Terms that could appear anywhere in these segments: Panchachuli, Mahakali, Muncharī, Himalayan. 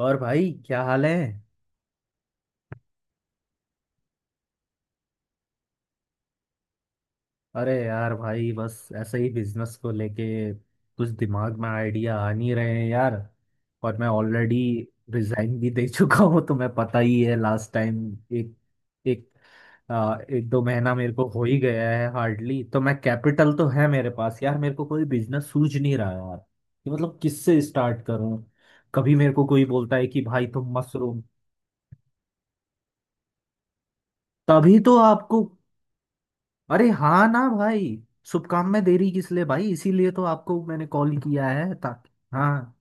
और भाई क्या हाल है? अरे यार भाई, बस ऐसे ही बिजनेस को लेके कुछ दिमाग में आइडिया आ नहीं रहे हैं यार। और मैं ऑलरेडी रिजाइन भी दे चुका हूँ, तो मैं पता ही है लास्ट टाइम। एक एक आ, एक दो महीना मेरे को हो ही गया है हार्डली। तो मैं, कैपिटल तो है मेरे पास यार, मेरे को कोई बिजनेस सूझ नहीं रहा यार कि मतलब किससे स्टार्ट करूँ। कभी मेरे को कोई बोलता है कि भाई तुम मशरूम, तभी तो आपको। अरे हाँ ना भाई, शुभकामनाएं देरी किस लिए भाई, इसीलिए तो आपको मैंने कॉल किया है, ताकि हाँ।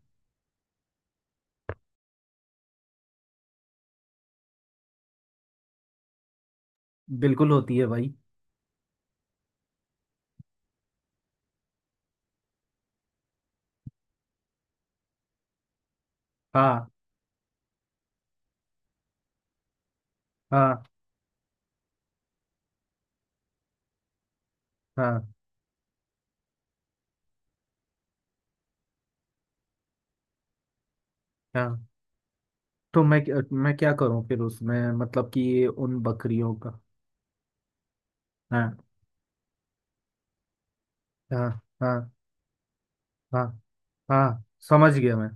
बिल्कुल होती है भाई। हाँ, हाँ, हाँ, हाँ। तो मैं क्या करूँ फिर उसमें, मतलब कि उन बकरियों का? हाँ, हाँ, हाँ, हाँ, हाँ, समझ गया मैं।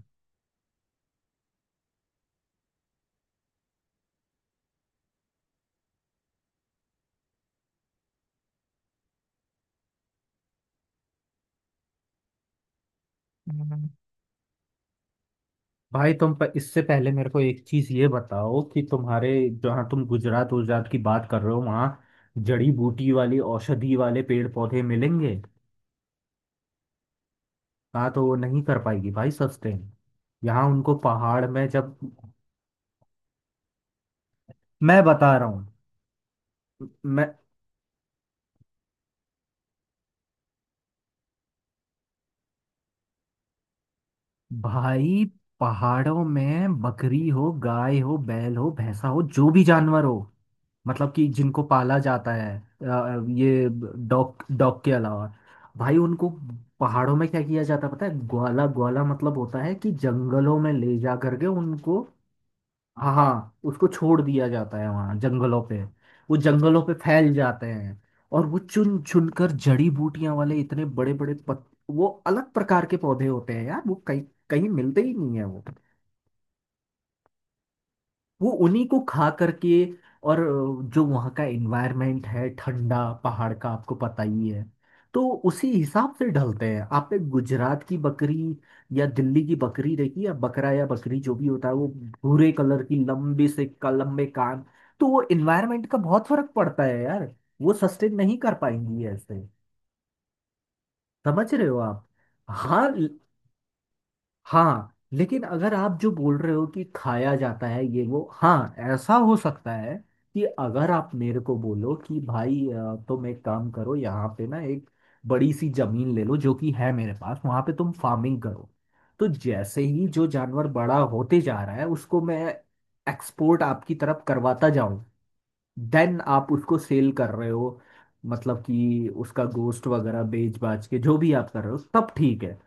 हम्म। भाई तुम इससे पहले मेरे को एक चीज ये बताओ कि तुम्हारे, जहाँ तुम गुजरात गुजरात की बात कर रहे हो, वहाँ जड़ी बूटी वाली औषधि वाले पेड़ पौधे मिलेंगे? हाँ तो वो नहीं कर पाएगी भाई सस्टेन। यहाँ उनको पहाड़ में जब, मैं बता रहा हूँ, मैं भाई, पहाड़ों में बकरी हो, गाय हो, बैल हो, भैंसा हो, जो भी जानवर हो, मतलब कि जिनको पाला जाता है, ये डॉग डॉग के अलावा, भाई उनको पहाड़ों में क्या किया जाता है पता है? ग्वाला, ग्वाला मतलब होता है कि जंगलों में ले जा करके उनको, हाँ हाँ, उसको छोड़ दिया जाता है वहाँ जंगलों पे। वो जंगलों पे फैल जाते हैं, और वो चुन चुन कर जड़ी बूटियां वाले इतने बड़े बड़े पत, वो अलग प्रकार के पौधे होते हैं यार, वो कहीं कहीं मिलते ही नहीं है वो। वो उन्हीं को खा करके, और जो वहाँ का एनवायरनमेंट है ठंडा पहाड़ का, आपको पता ही है। तो उसी हिसाब से ढलते हैं। आप एक गुजरात की बकरी या दिल्ली की बकरी देखिए, या बकरा या बकरी जो भी होता है, वो भूरे कलर की लंबी से का लंबे कान, तो वो एनवायरनमेंट का बहुत फर्क पड़ता है यार। वो सस्टेन नहीं कर पाएंगी ऐसे। समझ रहे हो आप? हाँ, हाँ, लेकिन अगर आप जो बोल रहे हो कि खाया जाता है ये वो, हाँ ऐसा हो सकता है कि अगर आप मेरे को बोलो कि भाई, तुम एक काम करो यहाँ पे ना, एक बड़ी सी जमीन ले लो जो कि है मेरे पास, वहाँ पे तुम फार्मिंग करो। तो जैसे ही जो जानवर बड़ा होते जा रहा है, उसको मैं एक्सपोर्ट आपकी तरफ करवाता, देन आप उसको सेल कर रहे हो, मतलब कि उसका गोस्ट वगैरह बेच बाच के जो भी आप कर रहे हो, तब ठीक है।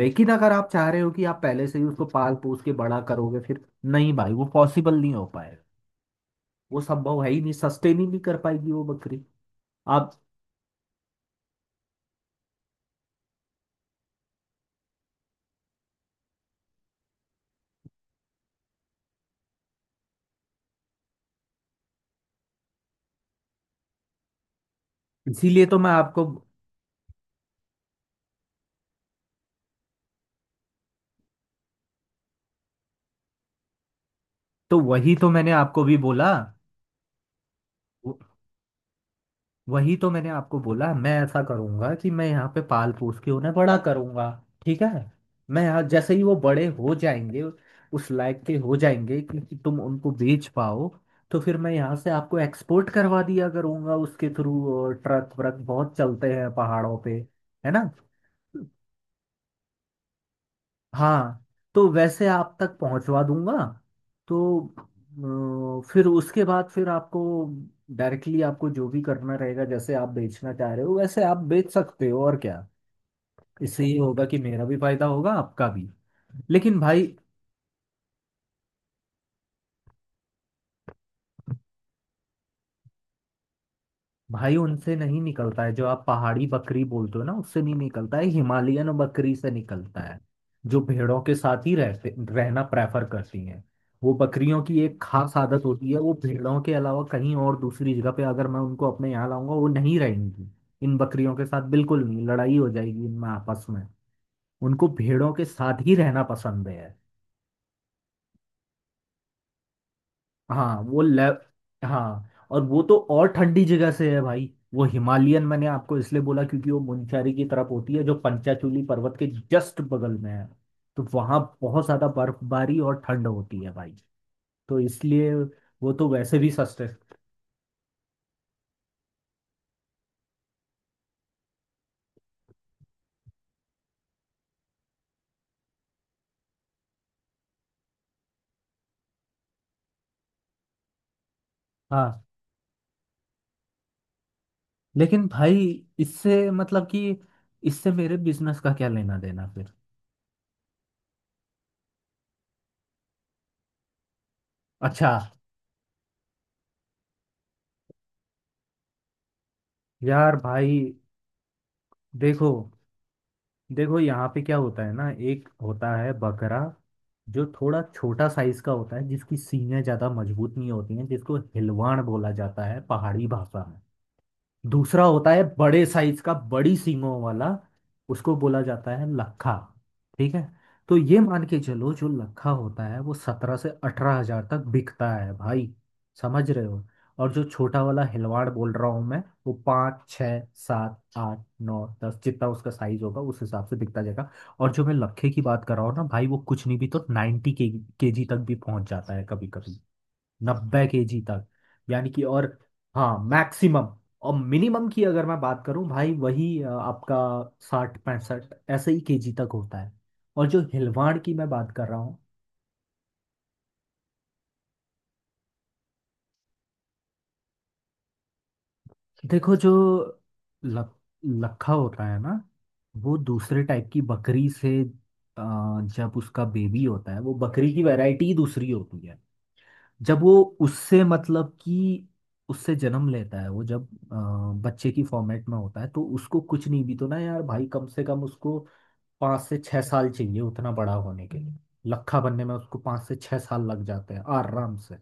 लेकिन अगर आप चाह रहे हो कि आप पहले से ही उसको पाल पोस के बड़ा करोगे, फिर नहीं भाई, वो पॉसिबल नहीं हो पाएगा। वो संभव है ही नहीं, सस्टेन ही नहीं कर पाएगी वो बकरी। आप, इसीलिए तो मैं आपको, तो वही तो मैंने आपको भी बोला। वही तो मैंने आपको बोला, मैं ऐसा करूंगा कि मैं यहाँ पे पाल पोस के उन्हें बड़ा करूंगा, ठीक है? मैं यहाँ जैसे ही वो बड़े हो जाएंगे, उस लायक के हो जाएंगे कि तुम उनको बेच पाओ, तो फिर मैं यहाँ से आपको एक्सपोर्ट करवा दिया करूंगा, उसके थ्रू ट्रक व्रक बहुत चलते हैं पहाड़ों पे, है ना? हाँ, तो वैसे आप तक पहुंचवा दूंगा। तो फिर उसके बाद, फिर आपको डायरेक्टली आपको जो भी करना रहेगा, जैसे आप बेचना चाह रहे हो वैसे आप बेच सकते हो, और क्या। इससे ये होगा कि मेरा भी फायदा होगा, आपका भी। लेकिन भाई, भाई उनसे नहीं निकलता है, जो आप पहाड़ी बकरी बोलते हो ना, उससे नहीं निकलता है, हिमालयन बकरी से निकलता है, जो भेड़ों के साथ ही रहते रहना प्रेफर करती हैं। वो बकरियों की एक खास आदत होती है, वो भेड़ों के अलावा कहीं और दूसरी जगह पे अगर मैं उनको अपने यहाँ लाऊंगा, वो नहीं रहेंगी। इन बकरियों के साथ बिल्कुल नहीं, लड़ाई हो जाएगी इनमें आपस में। उनको भेड़ों के साथ ही रहना पसंद है। हाँ वो लेव, हाँ और वो तो और ठंडी जगह से है भाई। वो हिमालयन मैंने आपको इसलिए बोला क्योंकि वो मुनचारी की तरफ होती है, जो पंचाचूली पर्वत के जस्ट बगल में है। तो वहाँ बहुत ज्यादा बर्फबारी और ठंड होती है भाई, तो इसलिए वो तो वैसे भी सस्ते। हाँ लेकिन भाई, इससे मतलब कि, इससे मेरे बिजनेस का क्या लेना देना फिर? अच्छा यार भाई। देखो, देखो यहाँ पे क्या होता है ना, एक होता है बकरा, जो थोड़ा छोटा साइज का होता है, जिसकी सीने ज्यादा मजबूत नहीं होती हैं, जिसको हिलवाण बोला जाता है पहाड़ी भाषा में। दूसरा होता है बड़े साइज का, बड़ी सींगों वाला, उसको बोला जाता है लखा, ठीक है? तो ये मान के चलो, जो लखा होता है वो 17 से 18 हजार तक बिकता है भाई, समझ रहे हो? और जो छोटा वाला हिलवाड़ बोल रहा हूँ मैं, वो पाँच, छः, सात, आठ, नौ, दस, जितना उसका साइज होगा उस हिसाब से बिकता जाएगा। और जो मैं लखे की बात कर रहा हूँ ना भाई, वो कुछ नहीं भी तो नाइन्टी के जी तक भी पहुंच जाता है कभी कभी, 90 के जी तक, यानी कि, और हाँ मैक्सिमम। और मिनिमम की अगर मैं बात करूं भाई, वही आपका 60 65 ऐसे ही केजी तक होता है। और जो हिलवाड़ की मैं बात कर रहा हूँ, देखो जो लक, लखा होता है ना, वो दूसरे टाइप की बकरी से, जब उसका बेबी होता है, वो बकरी की वैरायटी ही दूसरी होती है। जब वो उससे मतलब कि उससे जन्म लेता है, वो जब बच्चे की फॉर्मेट में होता है, तो उसको कुछ नहीं भी तो ना यार भाई, कम से कम उसको 5 से 6 साल चाहिए उतना बड़ा होने के लिए। लट्ठा बनने में उसको 5 से 6 साल लग जाते हैं आराम से।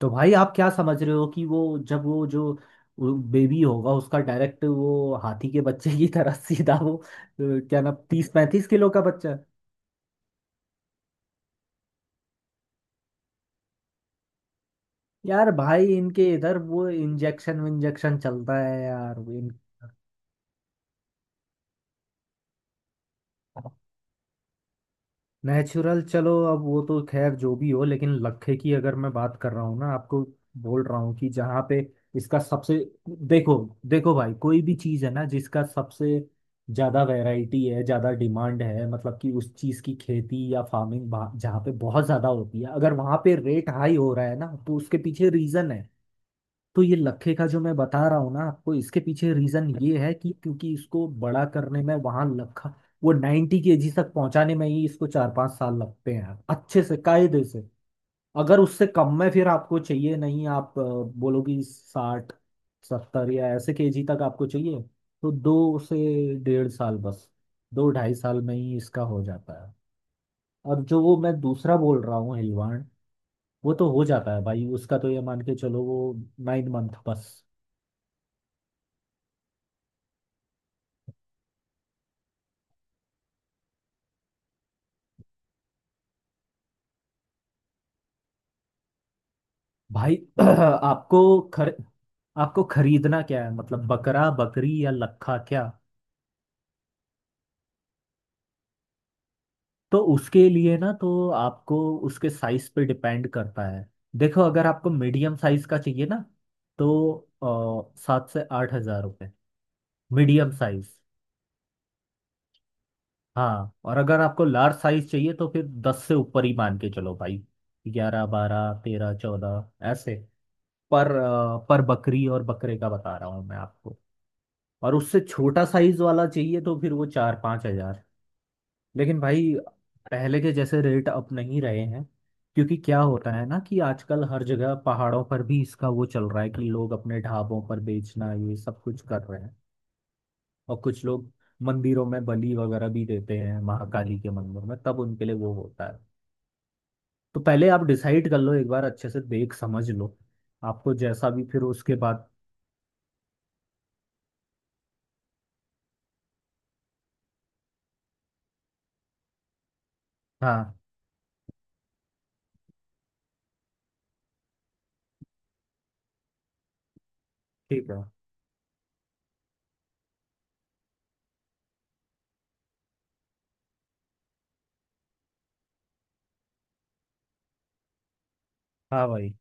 तो भाई आप क्या समझ रहे हो कि वो जब वो जो बेबी होगा उसका डायरेक्ट, वो हाथी के बच्चे की तरह सीधा वो क्या ना 30 35 किलो का बच्चा? यार भाई इनके इधर वो इंजेक्शन विंजेक्शन चलता है यार इन, नेचुरल। चलो, अब वो तो खैर जो भी हो, लेकिन लखे की अगर मैं बात कर रहा हूँ ना आपको, बोल रहा हूँ कि जहाँ पे इसका सबसे, देखो, देखो भाई, कोई भी चीज़ है ना जिसका सबसे ज़्यादा वैरायटी है, ज़्यादा डिमांड है, मतलब कि उस चीज़ की खेती या फार्मिंग जहाँ पे बहुत ज़्यादा होती है, अगर वहाँ पे रेट हाई हो रहा है ना, तो उसके पीछे रीज़न है। तो ये लखे का जो मैं बता रहा हूँ ना आपको, इसके पीछे रीजन ये है कि क्योंकि इसको बड़ा करने में, वहां लखा वो 90 केजी तक पहुंचाने में ही इसको 4 5 साल लगते हैं, अच्छे से कायदे से। अगर उससे कम में, फिर आपको चाहिए नहीं, आप बोलोगी साठ सत्तर या ऐसे केजी तक आपको चाहिए, तो दो से, डेढ़ साल बस, दो ढाई साल में ही इसका हो जाता है। और जो वो मैं दूसरा बोल रहा हूँ हिलवाड़, वो तो हो जाता है भाई उसका, तो ये मान के चलो वो नाइन मंथ बस। भाई आपको, खर आपको खरीदना क्या है, मतलब बकरा बकरी या लखा क्या? तो उसके लिए ना तो आपको, उसके साइज पे डिपेंड करता है। देखो, अगर आपको मीडियम साइज का चाहिए ना, तो 7 से 8 हजार रुपये, मीडियम साइज। हाँ, और अगर आपको लार्ज साइज चाहिए तो फिर दस से ऊपर ही मान के चलो भाई, 11 12 13 14 ऐसे। पर बकरी और बकरे का बता रहा हूँ मैं आपको। और उससे छोटा साइज वाला चाहिए तो फिर वो 4 5 हजार। लेकिन भाई पहले के जैसे रेट अब नहीं रहे हैं, क्योंकि क्या होता है ना कि आजकल हर जगह पहाड़ों पर भी इसका वो चल रहा है कि लोग अपने ढाबों पर बेचना ये सब कुछ कर रहे हैं। और कुछ लोग मंदिरों में बलि वगैरह भी देते हैं, महाकाली के मंदिर में तब उनके लिए वो होता है। तो पहले आप डिसाइड कर लो, एक बार अच्छे से देख समझ लो, आपको जैसा भी, फिर उसके बाद। हाँ ठीक है। हाँ भाई,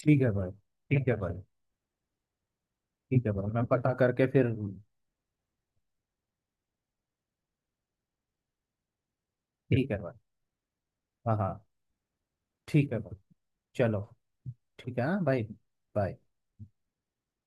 ठीक है भाई, ठीक है भाई, ठीक है भाई मैं पता करके फिर, ठीक है भाई। हाँ, हाँ, ठीक है भाई, चलो, ठीक है हाँ भाई, बाय।